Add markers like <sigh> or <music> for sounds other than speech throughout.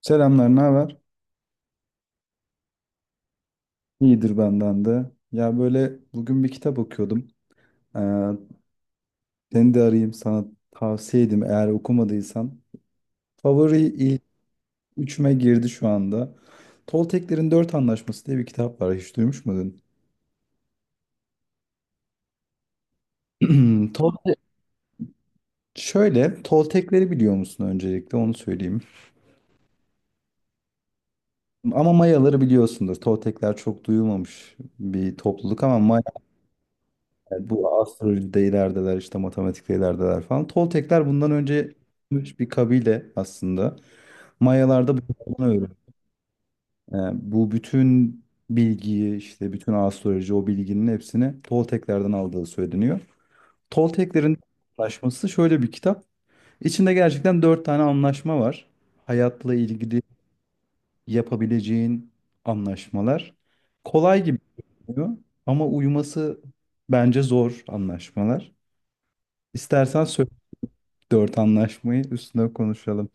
Selamlar, ne haber? İyidir benden de. Ya böyle bugün bir kitap okuyordum. Ee, seni de arayayım, sana tavsiye edeyim eğer okumadıysan. Favori ilk üçüme girdi şu anda. Tolteklerin Dört Anlaşması diye bir kitap var. Hiç duymuş muydun? <clears throat> Tolte- Şöyle, Toltekleri biliyor musun, öncelikle onu söyleyeyim. Ama Mayaları biliyorsundur. Toltekler çok duyulmamış bir topluluk ama yani bu astrolojide ilerideler, işte matematikte ilerideler falan. Toltekler bundan önce yaşamış bir kabile aslında. Mayalarda bunu öğren. Yani bu bütün bilgiyi, işte bütün astroloji, o bilginin hepsini Tolteklerden aldığı söyleniyor. Tolteklerin anlaşması şöyle bir kitap. İçinde gerçekten dört tane anlaşma var. Hayatla ilgili yapabileceğin anlaşmalar. Kolay gibi görünüyor ama uyuması bence zor anlaşmalar. İstersen söyle, dört anlaşmayı üstüne konuşalım.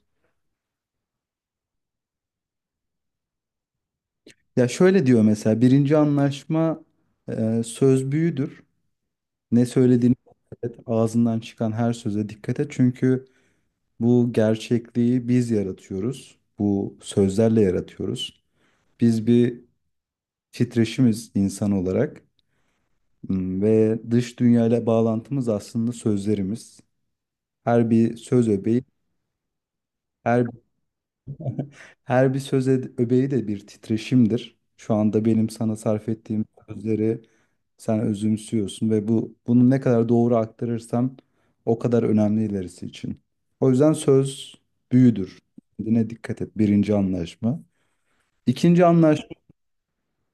Ya şöyle diyor mesela, birinci anlaşma: söz büyüdür. Ne söylediğini dikkat et, ağzından çıkan her söze dikkat et. Çünkü bu gerçekliği biz yaratıyoruz. Bu sözlerle yaratıyoruz. Biz bir titreşimiz insan olarak, ve dış dünyayla bağlantımız aslında sözlerimiz. Her bir söz öbeği, her Her bir söz ed- öbeği de bir titreşimdir. Şu anda benim sana sarf ettiğim sözleri sen özümsüyorsun ve bu bunu ne kadar doğru aktarırsam o kadar önemli ilerisi için. O yüzden söz büyüdür. Kendine dikkat et. Birinci anlaşma. İkinci anlaşma,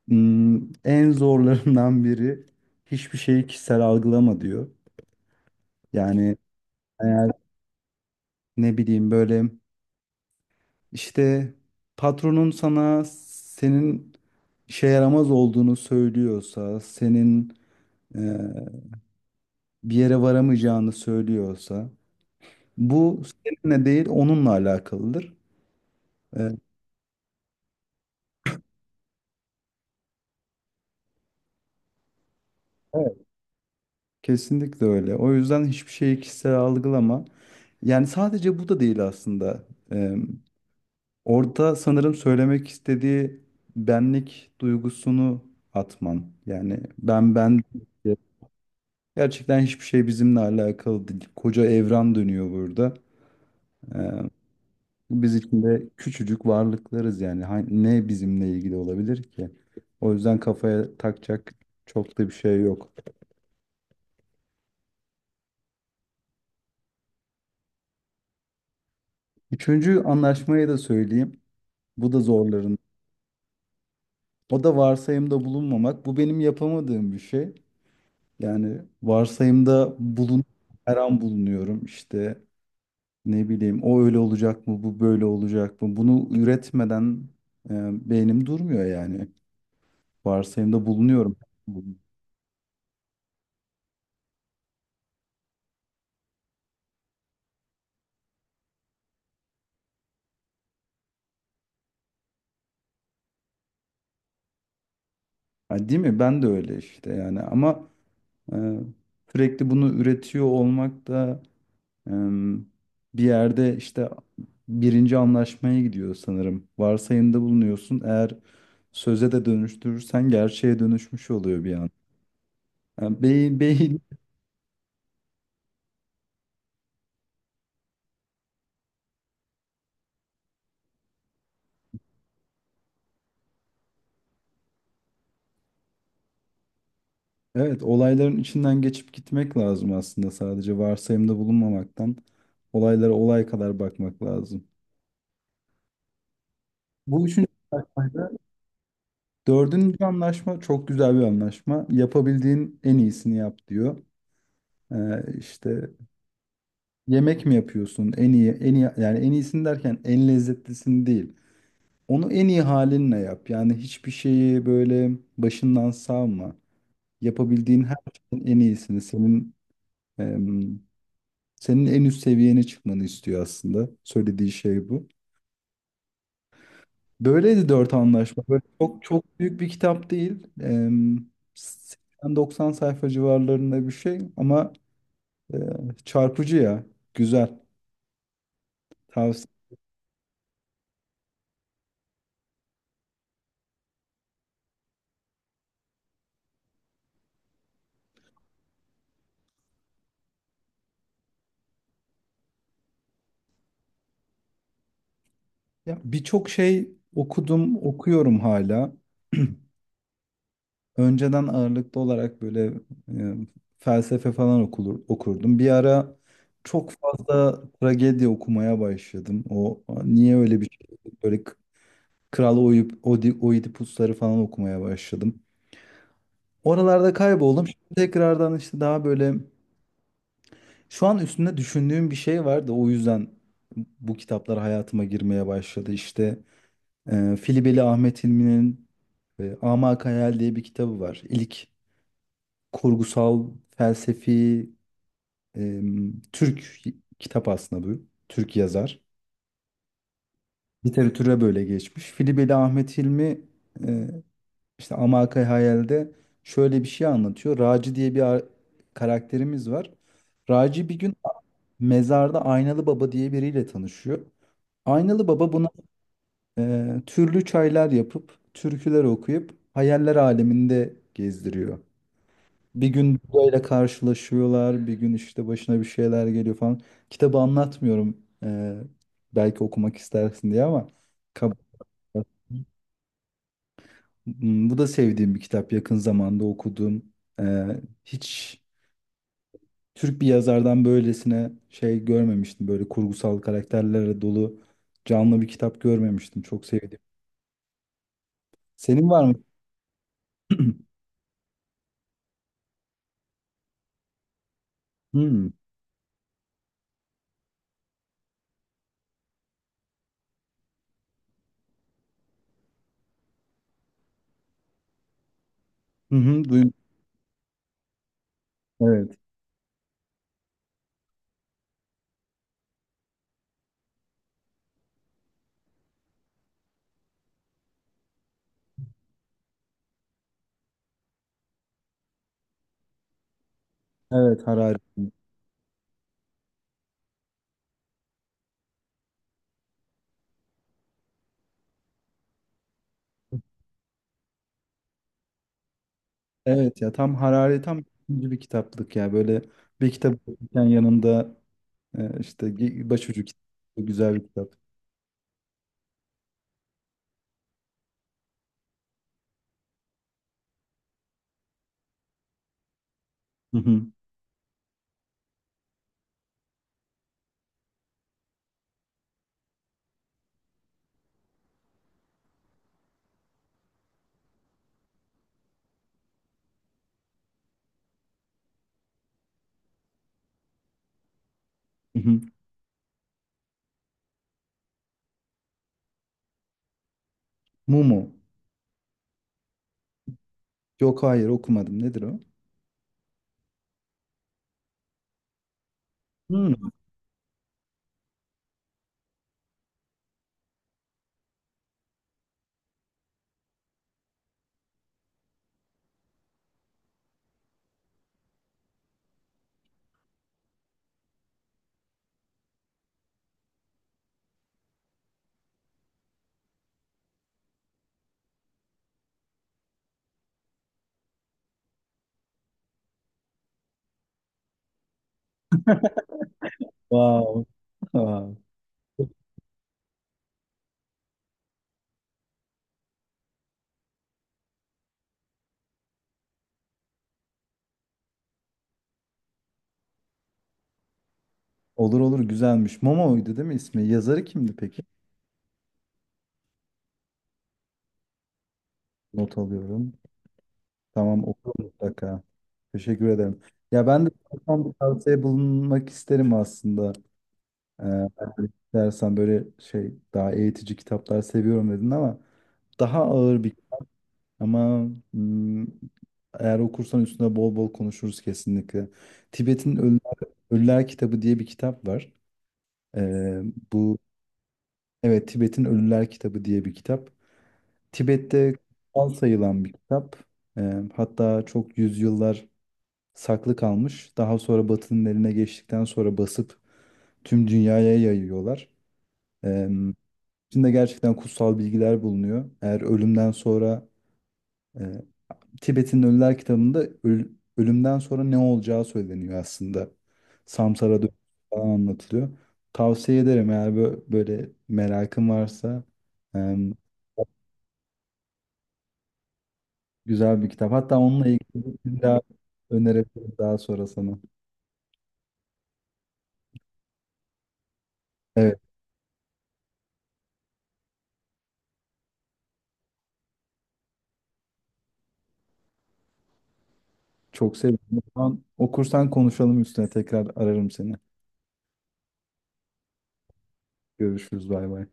hmm, en zorlarından biri: hiçbir şeyi kişisel algılama diyor. Yani eğer, ne bileyim, böyle İşte patronun sana senin işe yaramaz olduğunu söylüyorsa, senin e, bir yere varamayacağını söylüyorsa, bu seninle değil onunla alakalıdır. E, evet, kesinlikle öyle. O yüzden hiçbir şeyi kişisel algılama. Yani sadece bu da değil aslında. E, orada sanırım söylemek istediği benlik duygusunu atman. Yani ben ben gerçekten hiçbir şey bizimle alakalı değil. Koca evren dönüyor burada. Ee, biz içinde küçücük varlıklarız yani. Ne bizimle ilgili olabilir ki? O yüzden kafaya takacak çok da bir şey yok. Üçüncü anlaşmayı da söyleyeyim. Bu da zorların. O da varsayımda bulunmamak. Bu benim yapamadığım bir şey. Yani varsayımda bulun, her an bulunuyorum. İşte, ne bileyim, o öyle olacak mı, bu böyle olacak mı? Bunu üretmeden beynim durmuyor yani. Varsayımda bulunuyorum. Ha, değil mi? Ben de öyle işte yani, ama e, sürekli bunu üretiyor olmak da e, bir yerde, işte birinci anlaşmaya gidiyor sanırım. Varsayımda bulunuyorsun. Eğer söze de dönüştürürsen gerçeğe dönüşmüş oluyor bir an. Yani beyin, beyin, evet, olayların içinden geçip gitmek lazım aslında, sadece varsayımda bulunmamaktan olaylara olay kadar bakmak lazım. Bu üçüncü. Dördüncü anlaşma çok güzel bir anlaşma. Yapabildiğin en iyisini yap diyor. İşte yemek mi yapıyorsun? En iyi, en iyi, yani en iyisini derken en lezzetlisini değil. Onu en iyi halinle yap. Yani hiçbir şeyi böyle başından savma. Yapabildiğin her şeyin en iyisini, em, senin en üst seviyene çıkmanı istiyor aslında. Söylediği şey bu. Böyleydi dört anlaşma. Böyle çok çok büyük bir kitap değil. 80-90 sayfa civarlarında bir şey ama e, çarpıcı ya. Güzel. Tavsiye. Ya birçok şey okudum, okuyorum hala. Önceden ağırlıklı olarak böyle e, felsefe falan okulur, okurdum. Bir ara çok fazla tragedi okumaya başladım. O niye öyle bir şey? Böyle Kral Oidipusları falan okumaya başladım. Oralarda kayboldum. Şimdi tekrardan işte, daha böyle, şu an üstünde düşündüğüm bir şey var da o yüzden bu kitaplar hayatıma girmeye başladı. İşte Filibeli Ahmet Hilmi'nin Amak Hayal diye bir kitabı var. İlk kurgusal felsefi e, Türk kitap aslında bu. Türk yazar. Literatüre böyle geçmiş. Filibeli Ahmet Hilmi e, işte Amak Hayal'de şöyle bir şey anlatıyor. Raci diye bir karakterimiz var. Raci bir gün Mezarda Aynalı Baba diye biriyle tanışıyor. Aynalı Baba buna türlü çaylar yapıp, türküler okuyup hayaller aleminde gezdiriyor. Bir gün Buda'yla karşılaşıyorlar, bir gün işte başına bir şeyler geliyor falan. Kitabı anlatmıyorum, belki okumak istersin diye ama. Kab- Hmm, bu da sevdiğim bir kitap. Yakın zamanda okudum. E, Hiç Türk bir yazardan böylesine şey görmemiştim. Böyle kurgusal karakterlerle dolu canlı bir kitap görmemiştim. Çok sevdim. Senin var mı? Hmm. Hı hı, duydum. Evet. Evet, Harari. Evet, ya tam Harari tam ikinci bir kitaplık ya. Böyle bir kitap okurken yanında işte başucu kitap. Güzel bir kitap. Hı hı, hı hı. Mumu. Yok, hayır, okumadım. Nedir o? Hmm. Wow. Wow. Olur, olur, güzelmiş. Momo'ydu değil mi ismi? Yazarı kimdi peki? Not alıyorum. Tamam, oku mutlaka. Teşekkür ederim. Ya ben de tam bir tavsiye bulunmak isterim aslında. Ee, Dersen böyle, şey, daha eğitici kitaplar seviyorum dedin ama daha ağır bir, ama hmm, eğer okursan üstüne bol bol konuşuruz kesinlikle. Tibet'in Ölüler Kitabı diye bir kitap var. Ee, bu evet, Tibet'in Ölüler Kitabı diye bir kitap. Tibet'te kutsal sayılan bir kitap. Hatta çok yüzyıllar saklı kalmış. Daha sonra Batı'nın eline geçtikten sonra basıp tüm dünyaya yayıyorlar. Ee, içinde gerçekten kutsal bilgiler bulunuyor. Eğer ölümden sonra, e, Tibet'in Ölüler kitabında ölümden sonra ne olacağı söyleniyor aslında. Samsara dönüşü falan anlatılıyor. Tavsiye ederim, eğer böyle merakın varsa, e, güzel bir kitap. Hatta onunla ilgili bir daha önerebilirim daha sonra sana. Evet. Çok sevdim. O zaman okursan konuşalım üstüne. Tekrar ararım seni. Görüşürüz. Bay bay.